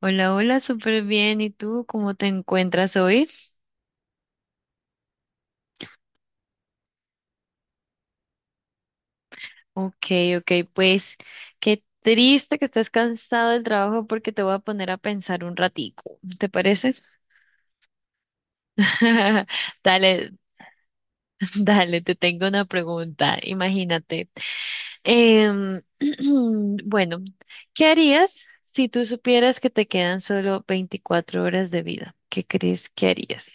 Hola, hola, súper bien. ¿Y tú cómo te encuentras hoy? Ok, ok, pues qué triste que estés cansado del trabajo porque te voy a poner a pensar un ratico. ¿Te parece? Dale, dale, te tengo una pregunta. Imagínate. Em, bueno, ¿qué harías si tú supieras que te quedan solo 24 horas de vida? ¿Qué crees que harías?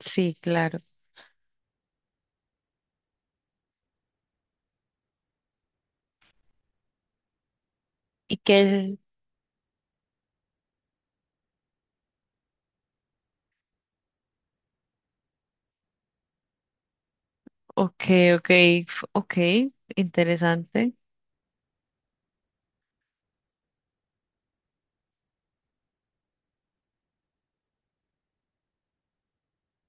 Sí, claro. Y que, ok, ok, ok, interesante.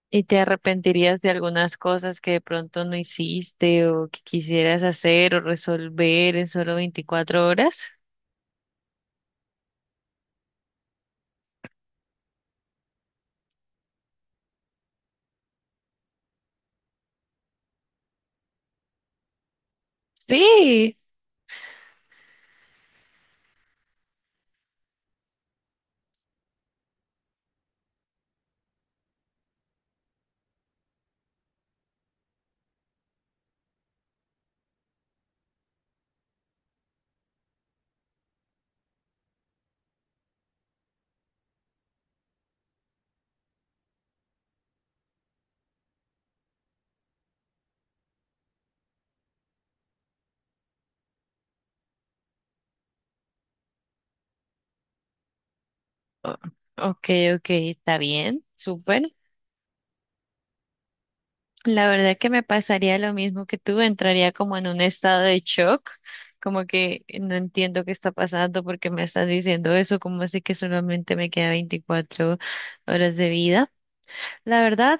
¿Y te arrepentirías de algunas cosas que de pronto no hiciste o que quisieras hacer o resolver en solo 24 horas? Sí. O- ok, ok, está bien, súper. La verdad que me pasaría lo mismo que tú, entraría como en un estado de shock, como que no entiendo qué está pasando porque me estás diciendo eso, como así que solamente me queda 24 horas de vida. La verdad.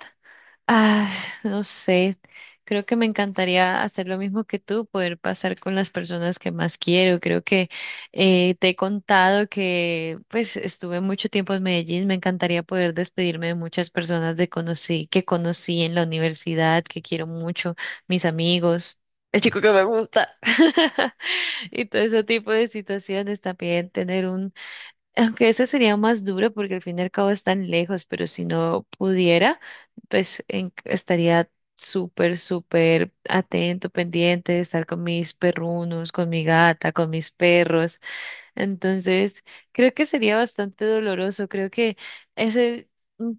Ah, no sé, creo que me encantaría hacer lo mismo que tú, poder pasar con las personas que más quiero. Creo que te he contado que pues estuve mucho tiempo en Medellín, me encantaría poder despedirme de muchas personas que conocí en la universidad, que quiero mucho, mis amigos, el chico que me gusta. Y todo ese tipo de situaciones. También tener un aunque eso sería más duro porque al fin y al cabo están lejos, pero si no pudiera, pues estaría súper, súper atento, pendiente de estar con mis perrunos, con mi gata, con mis perros. Entonces, creo que sería bastante doloroso. Creo que ese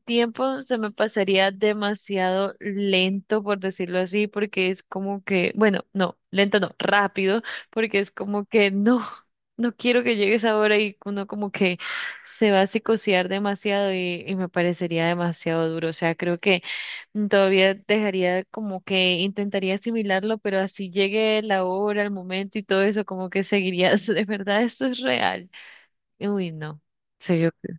tiempo se me pasaría demasiado lento, por decirlo así, porque es como que, bueno, no, lento no, rápido, porque es como que no, no quiero que llegues ahora y uno como que se va a psicosear demasiado y me parecería demasiado duro. O sea, creo que todavía dejaría como que intentaría asimilarlo, pero así llegue la hora, el momento y todo eso, como que seguiría de verdad, esto es real. Uy, no. Sí, yo creo.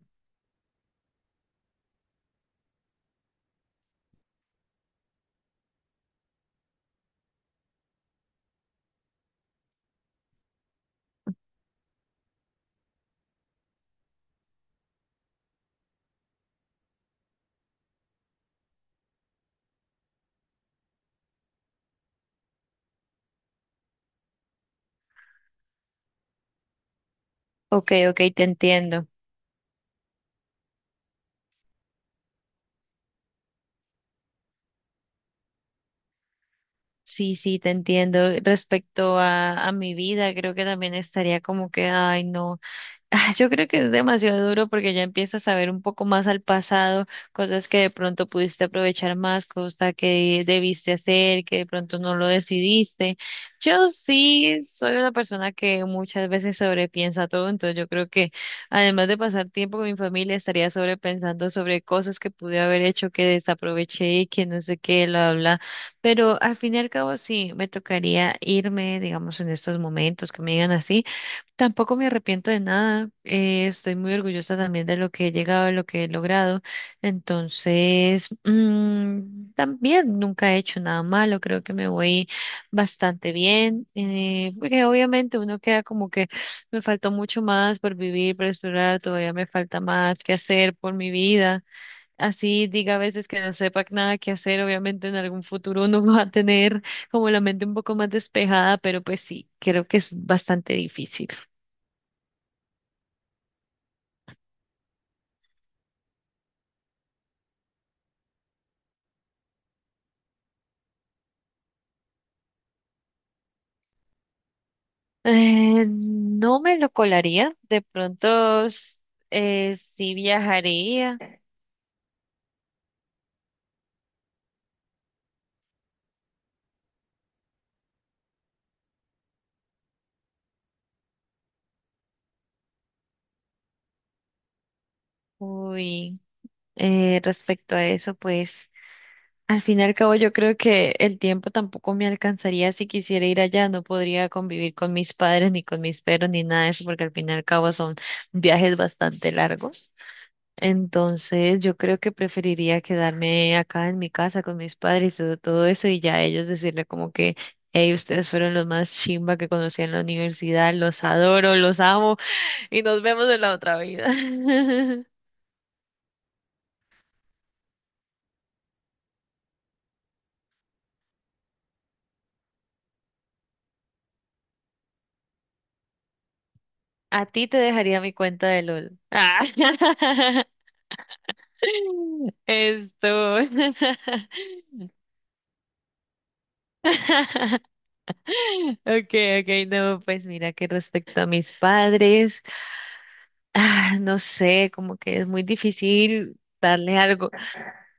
Ok, ok, te entiendo. Sí, sí, te entiendo. Respecto a mi vida, creo que también estaría como que, ay, no. Ah, yo creo que es demasiado duro porque ya empiezas a ver un poco más al pasado, cosas que de pronto pudiste aprovechar más, cosas que debiste hacer, que de pronto no lo decidiste. Yo sí soy una persona que muchas veces sobrepiensa todo, entonces yo creo que además de pasar tiempo con mi familia, estaría sobrepensando sobre cosas que pude haber hecho, que desaproveché y que no sé qué, bla bla. Pero al fin y al cabo sí, me tocaría irme, digamos, en estos momentos que me digan así. Tampoco me arrepiento de nada, estoy muy orgullosa también de lo que he llegado, de lo que he logrado, entonces también nunca he hecho nada malo, creo que me voy bastante bien, porque obviamente uno queda como que me faltó mucho más por vivir, por explorar, todavía me falta más que hacer por mi vida, así diga a veces que no sepa nada que hacer, obviamente en algún futuro uno va a tener como la mente un poco más despejada, pero pues sí, creo que es bastante difícil. No me lo colaría, de pronto sí viajaría. Uy, respecto a eso, pues al fin y al cabo yo creo que el tiempo tampoco me alcanzaría si quisiera ir allá, no podría convivir con mis padres ni con mis perros ni nada de eso, porque al fin y al cabo son viajes bastante largos. Entonces, yo creo que preferiría quedarme acá en mi casa con mis padres y todo eso y ya ellos decirle como que, hey, ustedes fueron los más chimba que conocí en la universidad, los adoro, los amo y nos vemos en la otra vida. A ti te dejaría mi cuenta de LOL. Ah. Esto. Okay, okay, no, pues mira que respecto a mis padres. Ah, no sé, como que es muy difícil darle algo.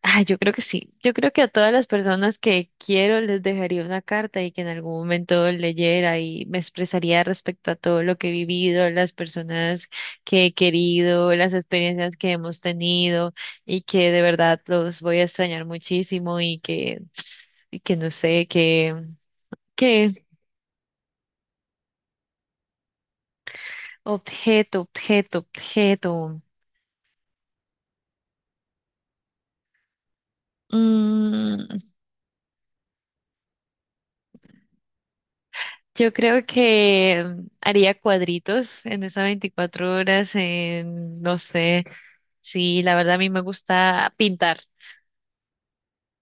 Ah, yo creo que sí. Yo creo que a todas las personas que quiero les dejaría una carta y que en algún momento leyera y me expresaría respecto a todo lo que he vivido, las personas que he querido, las experiencias que hemos tenido y que de verdad los voy a extrañar muchísimo y que no sé, que, que objeto, objeto, objeto. Mm, Yo creo que haría cuadritos en esas 24 horas, en, no sé, sí, la verdad a mí me gusta pintar.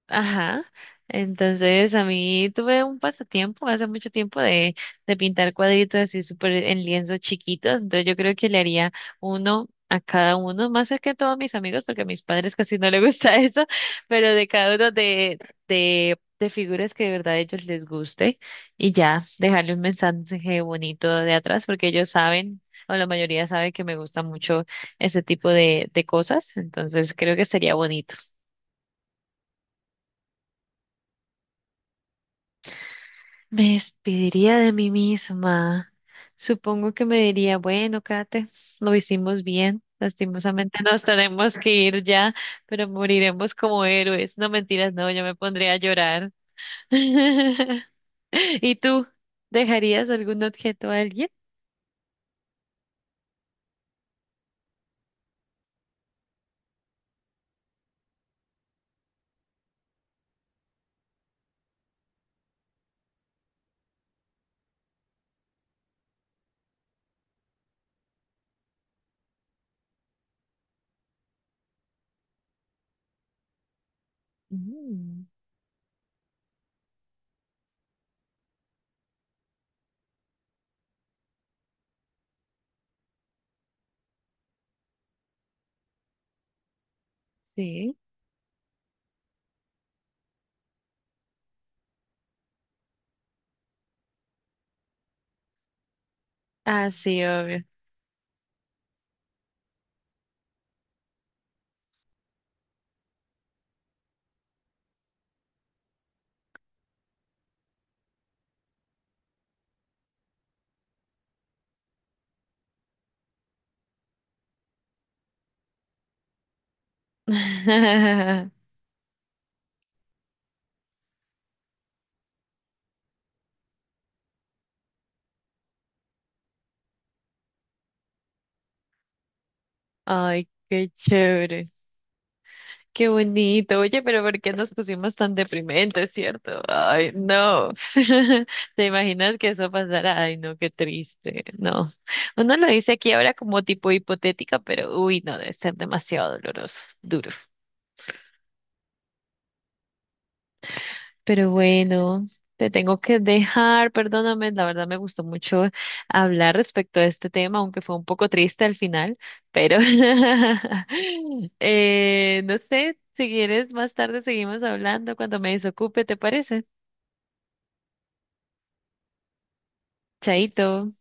Ajá. Entonces, a mí tuve un pasatiempo hace mucho tiempo de pintar cuadritos así súper en lienzos chiquitos. Entonces, yo creo que le haría uno a cada uno, más que a todos mis amigos, porque a mis padres casi no les gusta eso, pero de cada uno de, de figuras que de verdad a ellos les guste. Y ya, dejarle un mensaje bonito de atrás, porque ellos saben, o la mayoría sabe que me gusta mucho ese tipo de cosas. Entonces, creo que sería bonito. Me despediría de mí misma. Supongo que me diría, bueno, Kate, lo hicimos bien. Lastimosamente nos tenemos que ir ya, pero moriremos como héroes. No mentiras, no, yo me pondría a llorar. ¿Y tú dejarías algún objeto a alguien? Mm, sí. Ah, sí, obvio. Ay, qué chévere. Qué bonito. Oye, pero ¿por qué nos pusimos tan deprimentes, cierto? Ay, no. ¿Te imaginas que eso pasara? Ay, no, qué triste. No. Uno lo dice aquí ahora como tipo hipotética, pero uy, no, debe ser demasiado doloroso, duro. Pero bueno, te tengo que dejar, perdóname, la verdad me gustó mucho hablar respecto a este tema, aunque fue un poco triste al final, pero no sé, si quieres más tarde seguimos hablando cuando me desocupe, ¿te parece? Chaito.